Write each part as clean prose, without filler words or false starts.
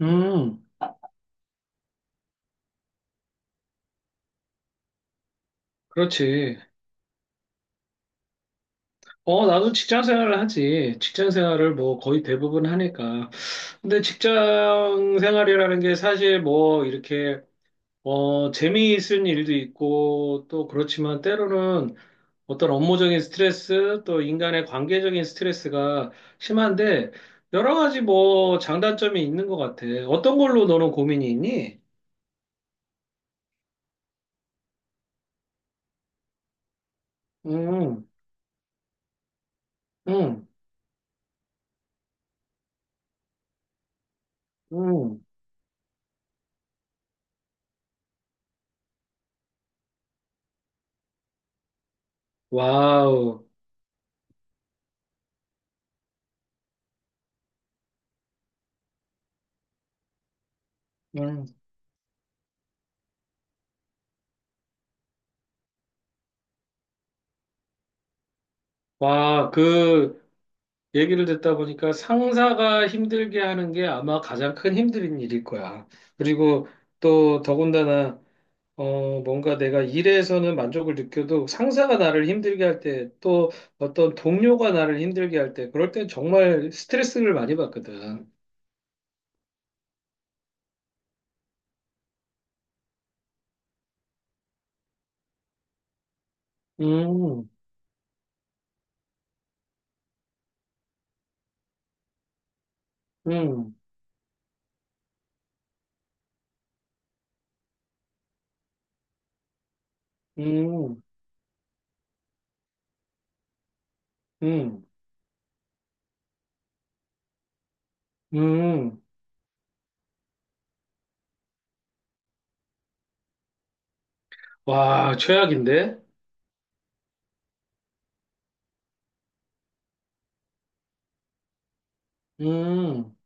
음, 그렇지. 나도 직장 생활을 하지. 직장 생활을 뭐 거의 대부분 하니까. 근데 직장 생활이라는 게 사실 뭐 이렇게, 재미있은 일도 있고 또 그렇지만 때로는 어떤 업무적인 스트레스 또 인간의 관계적인 스트레스가 심한데 여러 가지 뭐 장단점이 있는 것 같아. 어떤 걸로 너는 고민이 있니? 음, 음, 음. 와우. 음. 와, 그, 얘기를 듣다 보니까 상사가 힘들게 하는 게 아마 가장 큰 힘든 일일 거야. 그리고 또 더군다나 뭔가 내가 일에서는 만족을 느껴도 상사가 나를 힘들게 할 때 또 어떤 동료가 나를 힘들게 할 때 그럴 땐 정말 스트레스를 많이 받거든. 음, 음, 음, 음, 음. 와, 최악인데? 음,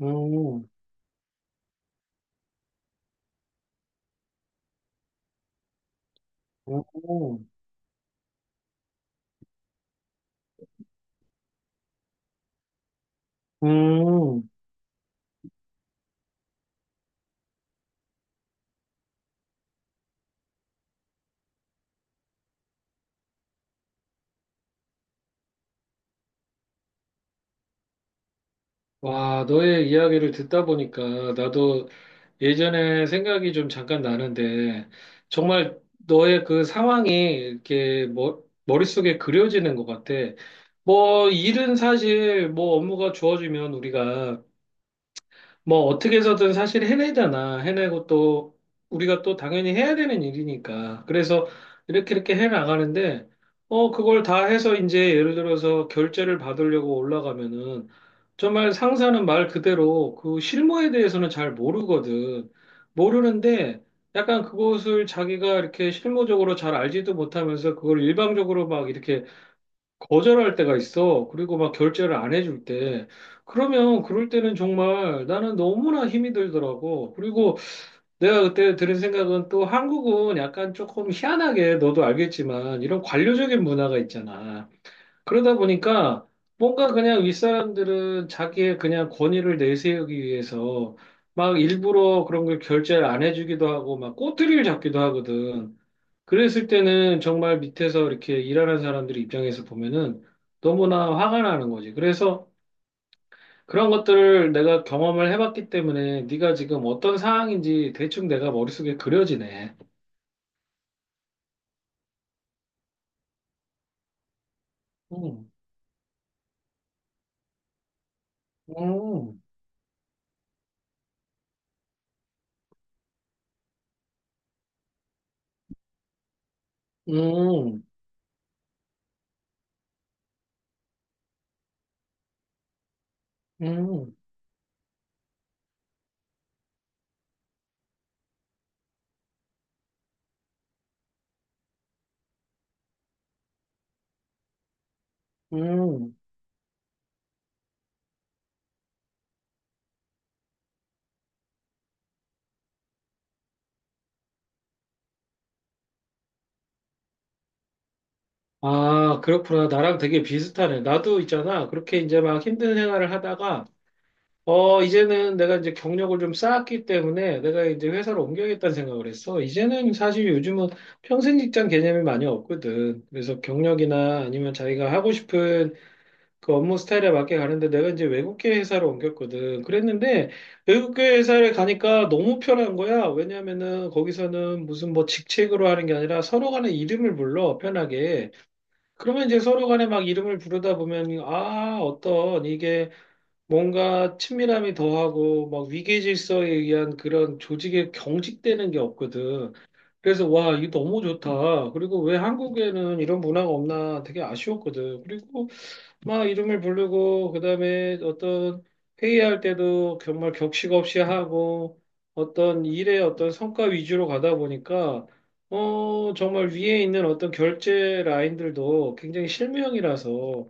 음, 음, 음. 음. 와, 너의 이야기를 듣다 보니까 나도 예전에 생각이 좀 잠깐 나는데, 정말 너의 그 상황이 이렇게 머릿속에 그려지는 것 같아. 뭐, 일은 사실 뭐 업무가 주어지면 우리가 뭐 어떻게 해서든 사실 해내잖아. 해내고 또 우리가 또 당연히 해야 되는 일이니까. 그래서 이렇게 이렇게 해 나가는데 그걸 다 해서 이제 예를 들어서 결제를 받으려고 올라가면은 정말 상사는 말 그대로 그 실무에 대해서는 잘 모르거든. 모르는데 약간 그것을 자기가 이렇게 실무적으로 잘 알지도 못하면서 그걸 일방적으로 막 이렇게 거절할 때가 있어. 그리고 막 결제를 안 해줄 때. 그러면 그럴 때는 정말 나는 너무나 힘이 들더라고. 그리고 내가 그때 들은 생각은 또 한국은 약간 조금 희한하게 너도 알겠지만 이런 관료적인 문화가 있잖아. 그러다 보니까 뭔가 그냥 윗사람들은 자기의 그냥 권위를 내세우기 위해서 막 일부러 그런 걸 결제를 안 해주기도 하고 막 꼬투리를 잡기도 하거든. 그랬을 때는 정말 밑에서 이렇게 일하는 사람들 입장에서 보면은 너무나 화가 나는 거지. 그래서 그런 것들을 내가 경험을 해봤기 때문에 네가 지금 어떤 상황인지 대충 내가 머릿속에 그려지네. 음, 음, 음, 음, 음. 아, 그렇구나. 나랑 되게 비슷하네. 나도 있잖아. 그렇게 이제 막 힘든 생활을 하다가, 이제는 내가 이제 경력을 좀 쌓았기 때문에 내가 이제 회사를 옮겨야겠다는 생각을 했어. 이제는 사실 요즘은 평생 직장 개념이 많이 없거든. 그래서 경력이나 아니면 자기가 하고 싶은 그 업무 스타일에 맞게 가는데 내가 이제 외국계 회사를 옮겼거든. 그랬는데 외국계 회사를 가니까 너무 편한 거야. 왜냐면은 거기서는 무슨 뭐 직책으로 하는 게 아니라 서로 간에 이름을 불러, 편하게. 그러면 이제 서로 간에 막 이름을 부르다 보면, 아, 어떤, 이게 뭔가 친밀함이 더하고, 막 위계 질서에 의한 그런 조직에 경직되는 게 없거든. 그래서, 와, 이거 너무 좋다. 그리고 왜 한국에는 이런 문화가 없나 되게 아쉬웠거든. 그리고 막 이름을 부르고 그다음에 어떤 회의할 때도 정말 격식 없이 하고 어떤 일의 어떤 성과 위주로 가다 보니까 정말 위에 있는 어떤 결제 라인들도 굉장히 실무형이라서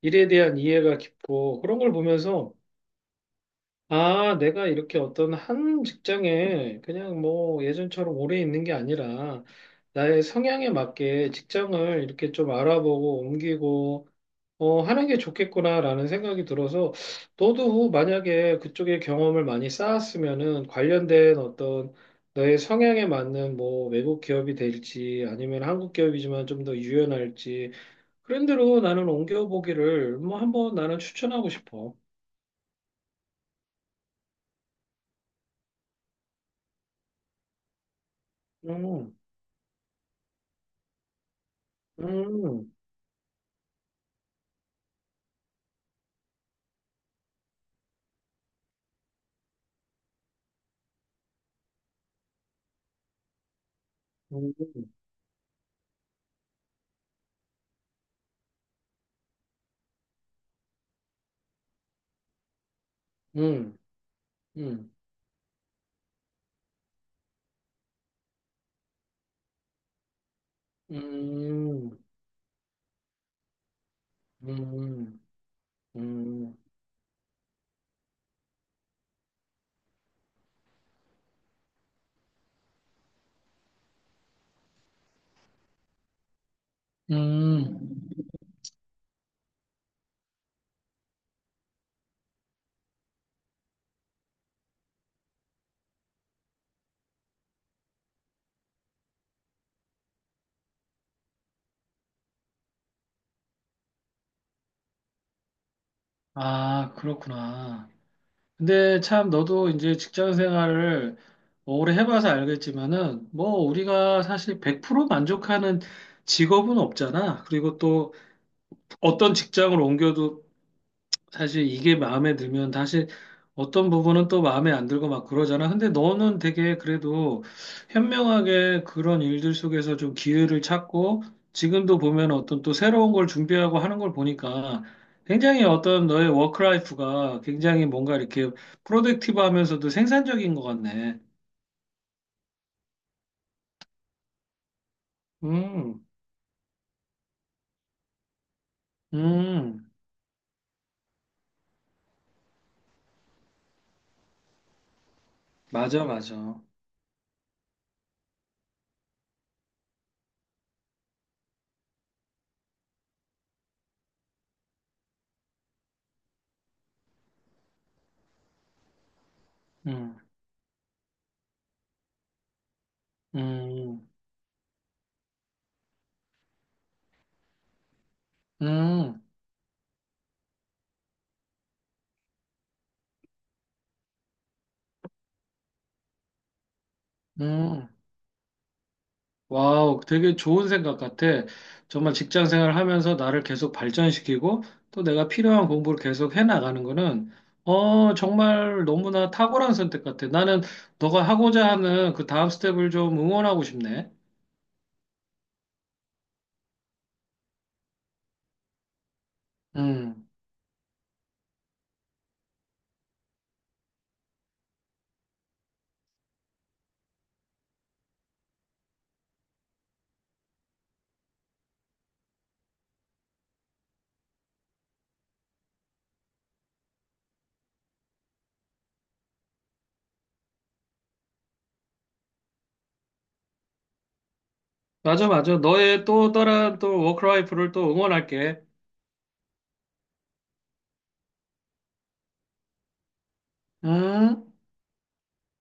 일에 대한 이해가 깊고 그런 걸 보면서 아, 내가 이렇게 어떤 한 직장에 그냥 뭐 예전처럼 오래 있는 게 아니라 나의 성향에 맞게 직장을 이렇게 좀 알아보고 옮기고 하는 게 좋겠구나라는 생각이 들어서, 너도 만약에 그쪽에 경험을 많이 쌓았으면은 관련된 어떤 너의 성향에 맞는 뭐 외국 기업이 될지 아니면 한국 기업이지만 좀 더 유연할지 그런 대로 나는 옮겨보기를 뭐 한번 나는 추천하고 싶어. 음, 음, 음, 음, 음, 음, 음, 음, 음. 음, 아, 그렇구나. 근데 참 너도 이제 직장 생활을 오래 해봐서 알겠지만은 뭐 우리가 사실 100% 만족하는 직업은 없잖아. 그리고 또 어떤 직장을 옮겨도 사실 이게 마음에 들면 다시 어떤 부분은 또 마음에 안 들고 막 그러잖아. 근데 너는 되게 그래도 현명하게 그런 일들 속에서 좀 기회를 찾고 지금도 보면 어떤 또 새로운 걸 준비하고 하는 걸 보니까 굉장히 어떤 너의 워크라이프가 굉장히 뭔가 이렇게 프로덕티브 하면서도 생산적인 것 같네. 음, 음, 맞아, 맞아. 음, 음, 음, 음. 와우, 되게 좋은 생각 같아. 정말 직장 생활 하면서 나를 계속 발전시키고 또 내가 필요한 공부를 계속 해 나가는 거는 정말 너무나 탁월한 선택 같아. 나는 너가 하고자 하는 그 다음 스텝을 좀 응원하고 싶네. 음. 맞아, 맞아. 너의 또 다른 또 워크라이프를 또 응원할게. 음.